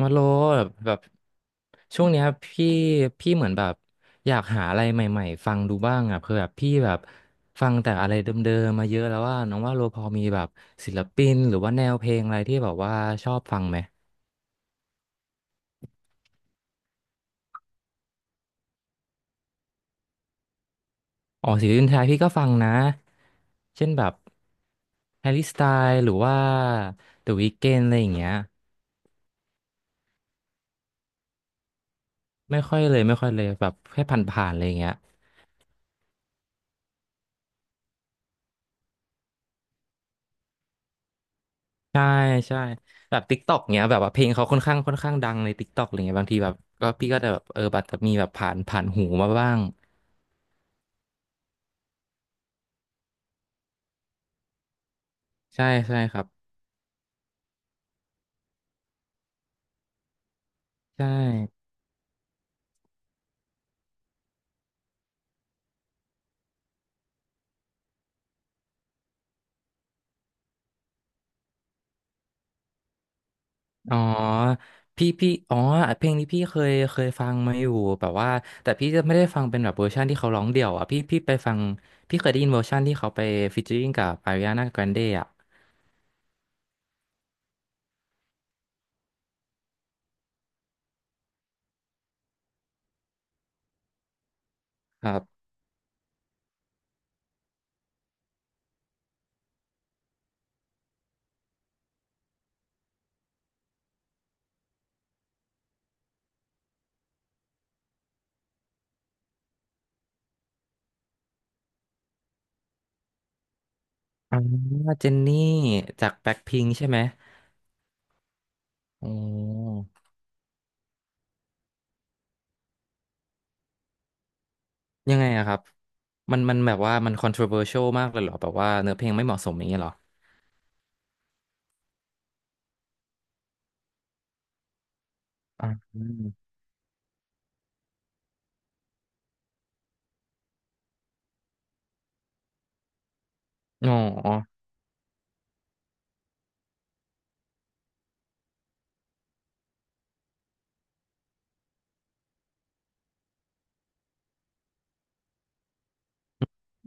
มาโลแบบช่วงเนี้ยพี่เหมือนแบบอยากหาอะไรใหม่ๆฟังดูบ้างอ่ะเพื่อแบบพี่แบบฟังแต่อะไรเดิมๆมาเยอะแล้วว่าน้องว่าโลพอมีแบบศิลปินหรือว่าแนวเพลงอะไรที่แบบว่าชอบฟังไหมอ๋อศิลปินไทยพี่ก็ฟังนะเช่นแบบแฮร์รี่สไตล์หรือว่าเดอะวี k เ n d อะไรอย่างเงี้ยไม่ค่อยเลยไม่ค่อยเลยแบบแค่ผ่านๆอะไรอย่างเงี้ย ใช่ใช่แบบติ๊กต็อกเนี้ยแบบว่าเพลงเขาค่อนข้างดังในติ๊กต็อกอะไรเงี้ยบางทีแบบพี่ก็จะแบบเออแบบจะมีแบบผ่านหูมาบ้างใช่ใช่ครับใช่อ๋อพี่อ๋อเพลงนี้พี่เคยฟังมาอยู่แบบว่าแต่พี่จะไม่ได้ฟังเป็นแบบเวอร์ชันที่เขาร้องเดี่ยวอ่ะพี่ไปฟังพี่เคยได้ยินเวอร์ชันที่เขาไปฟีเจอริ่งกับอาริอานาแกรนเดอ่ะครับอ๋อเจนนี่จากแบ็คพิงค์ใช่ไหมอ๋อ ยังไงอะครับมันแบบว่ามัน controversial มากเลยเหรอแบบว่าเนื้อเพลงไม่เหมาะสมอย่างเงี้ยเหรออ่าอมอ๋อ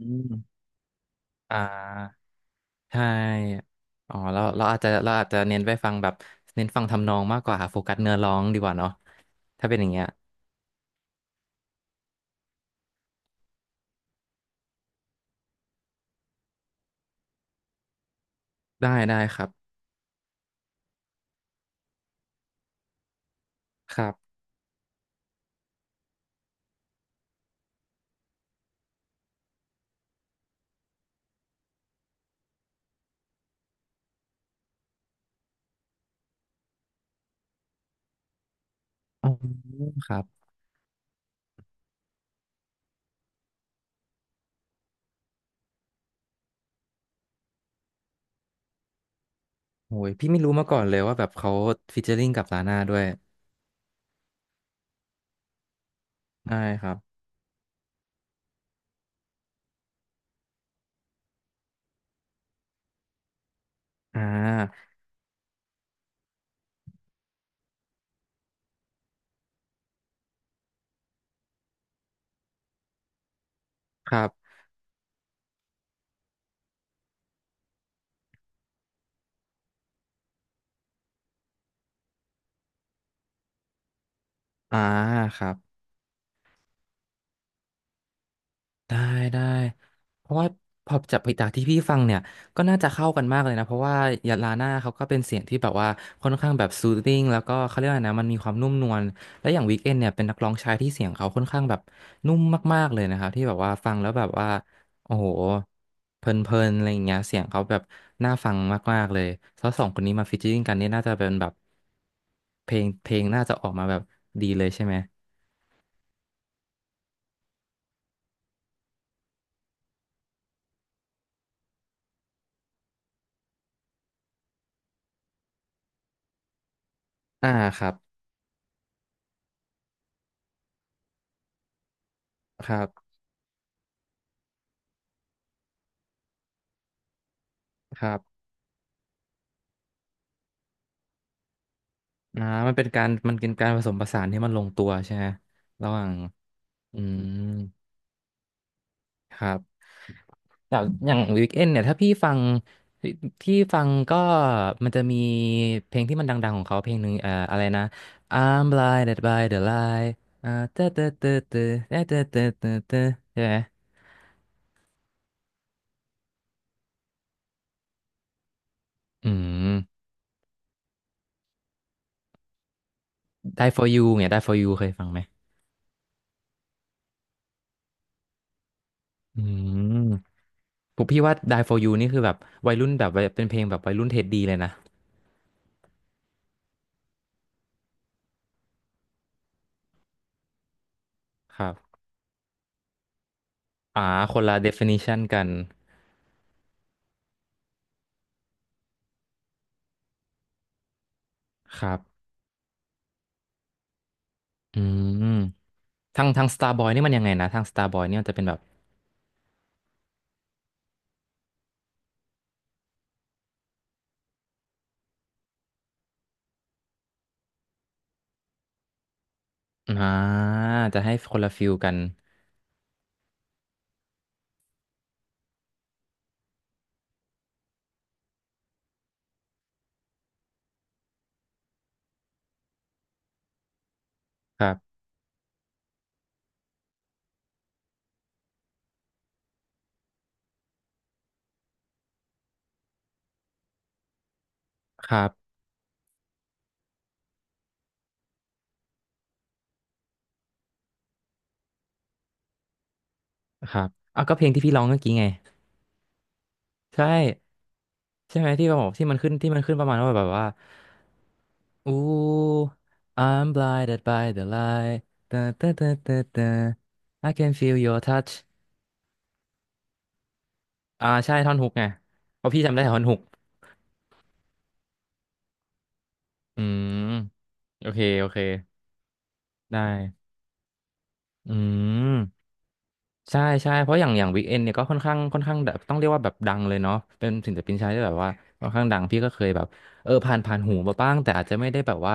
อืมอ่าใช่อ๋อเราอาจจะเราอาจจะเน้นไปฟังแบบเน้นฟังทำนองมากกว่าโฟกัสเนื้อร้องดีกว่าเนาะถ้าเป็นอย่างเงี้ยได้ได้ครับครับอ๋อครับโอ้ยพี่ไม่รู้มาก่อนเลยว่าแบบเขาฟีเจอริ่งกับลาน่าด้วยได้ครับอ่าครับอ่าครับ ได้ได้เพราะว่าพอจากไปจากที่พี่ฟังเนี่ยก็น่าจะเข้ากันมากเลยนะเพราะว่ายาลาน่าเขาก็เป็นเสียงที่แบบว่าค่อนข้างแบบซูท h ิ n งแล้วก็เขาเรียกว่านะมันมีความนุ่มนวลและอย่างวีคเอนเนี่ยเป็นนักร้องชายที่เสียงเขาค่อนข้างแบบนุ่มมากๆเลยนะครับที่แบบว่าฟังแล้วแบบว่าโอ้โหเพลินๆอะไรอย่างเงี้ยเสียงเขาแบบน่าฟังมากๆเลยแล้วสองคนนี้มาฟีเจอริ่งกันนี่น่าจะเป็นแบบเพลงน่าจะออกมาแบบดีเลยใช่ไหมอ่าครับครับครับ อ่ามันเป็นการผสมผสานที่มันลงตัวใช่ไหมระหว่างอืมครับอย่างวีคเอนเนี่ยถ้าพี่ฟังที่ที่ฟังก็มันจะมีเพลงที่มันดังๆของเขาเพลงหนึ่งอะไรนะ I'm blinded by the light เตอเตอเตอเตอเตอเตอเตอเตอเตอใช่ไหมอืม Die for you เนี่ย Die for you เคยฟังไหมอืมผมพี่ว่า Die for you นี่คือแบบวัยรุ่นแบบวัยเป็นเพลงแบบวัยรุ่นเท็ดดีเลยนะครับอ่าคนละ definition กัน ครับ อืม ทาง Starboy นี่มันยังไงนะ ทาง Starboy นี่มันจะเป็นแบบ อ่า จะให้คนละฟิลกัน ครับ ครับ ครับอ่ะก็เพลงที่พี่ร้องเมื่อกี้ไง ใช่ ใช่ไหมที่บอกที่มันขึ้นประมาณว่าแบบว่า Ooh, I'm blinded by the light. Da, da, da, da, da. I can feel your touch. อ่าใช่ ท่อนฮุกไงเพราะพี่จำได้ท่อนฮุกอืม โอเค โอเค ได้อืม ใช่ใช่เพราะอย่างวิกเอนเนี่ยก็ค่อนข้างแบบต้องเรียกว่าแบบดังเลยเนาะเป็นศิลปินชายที่แบบว่าค่อนข้างดังพี่ก็เคยแบบเออผ่านหูมาบ้างแต่อาจจะไม่ได้แบบว่า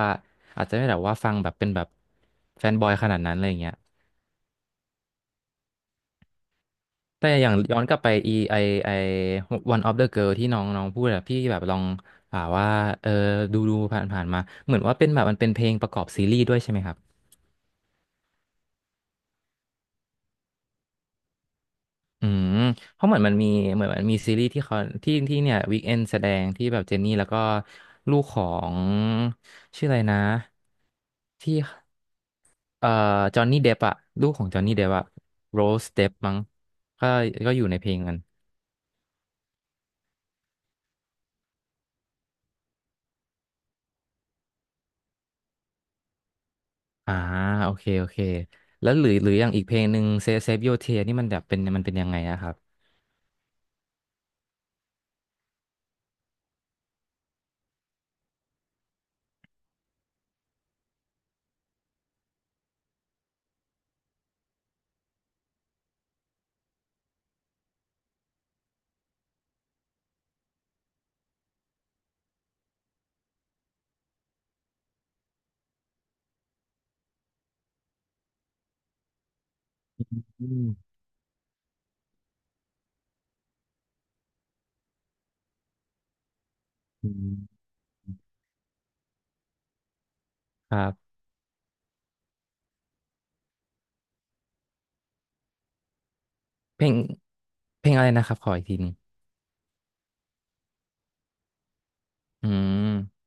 อาจจะไม่ได้แบบว่าฟังแบบเป็นแบบแฟนบอยขนาดนั้นอะไรอย่างเงี้ยแต่อย่างย้อนกลับไปอีไอ One of the Girl ที่น้องน้องพูดอะพี่แบบลองอ่าว่าเออดูผ่านมาเหมือนว่าเป็นแบบมันเป็นเพลงประกอบซีรีส์ด้วยใช่ไหมครับ อืมเพราะเหมือนมันมีซีรีส์ที่เขาที่เนี่ยวีคเอนแสดงที่แบบเจนนี่แล้วก็ลูกของชื่ออะไรนะที่เอ่อจอห์นนี่เดปอะลูกของจอห์นนี่เดปอะโรสเดปมั้งก็ก็อยู่ในเพลงกันอ่าโอเคโอเคแล้วหรือหรืออย่างอีกเพลงหนึ่งเซฟโยเทนี่มันแบบเป็นมันเป็นยังไงอะครับอืมอืมครับเพลงเพลงอะไรนะครับขออีกทีหนึงอืม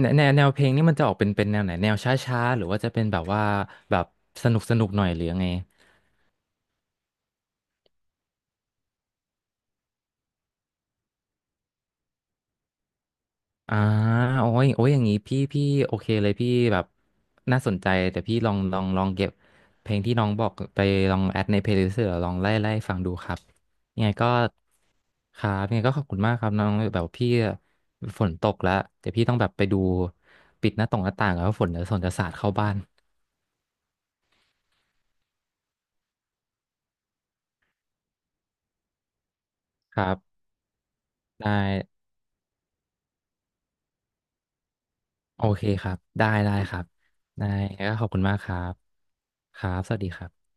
แนวแนวเพลงนี่มันจะออกเป็นเป็นแนวไหนแนวช้าๆหรือว่าจะเป็นแบบว่าแบบสนุกสนุกหน่อยหรือยังไงอ่าโอ้ยโอ้ยอย่างนี้พี่โอเคเลยพี่แบบน่าสนใจแต่พี่ลองลองเก็บเพลงที่น้องบอกไปลองแอดในเพลย์ลิสต์หรือลองไล่ฟังดูครับยังไงก็ครับยังไงก็ขอบคุณมากครับน้องแบบพี่ฝนตกแล้วเดี๋ยวพี่ต้องแบบไปดูปิดหน้าต่างแล้วฝนจะสาดเข้าบ้านครับได้ โอเคครับ ได้ได้ครับ ได้ก็ขอบคุณมากครับ ครับ สวัสดีครับ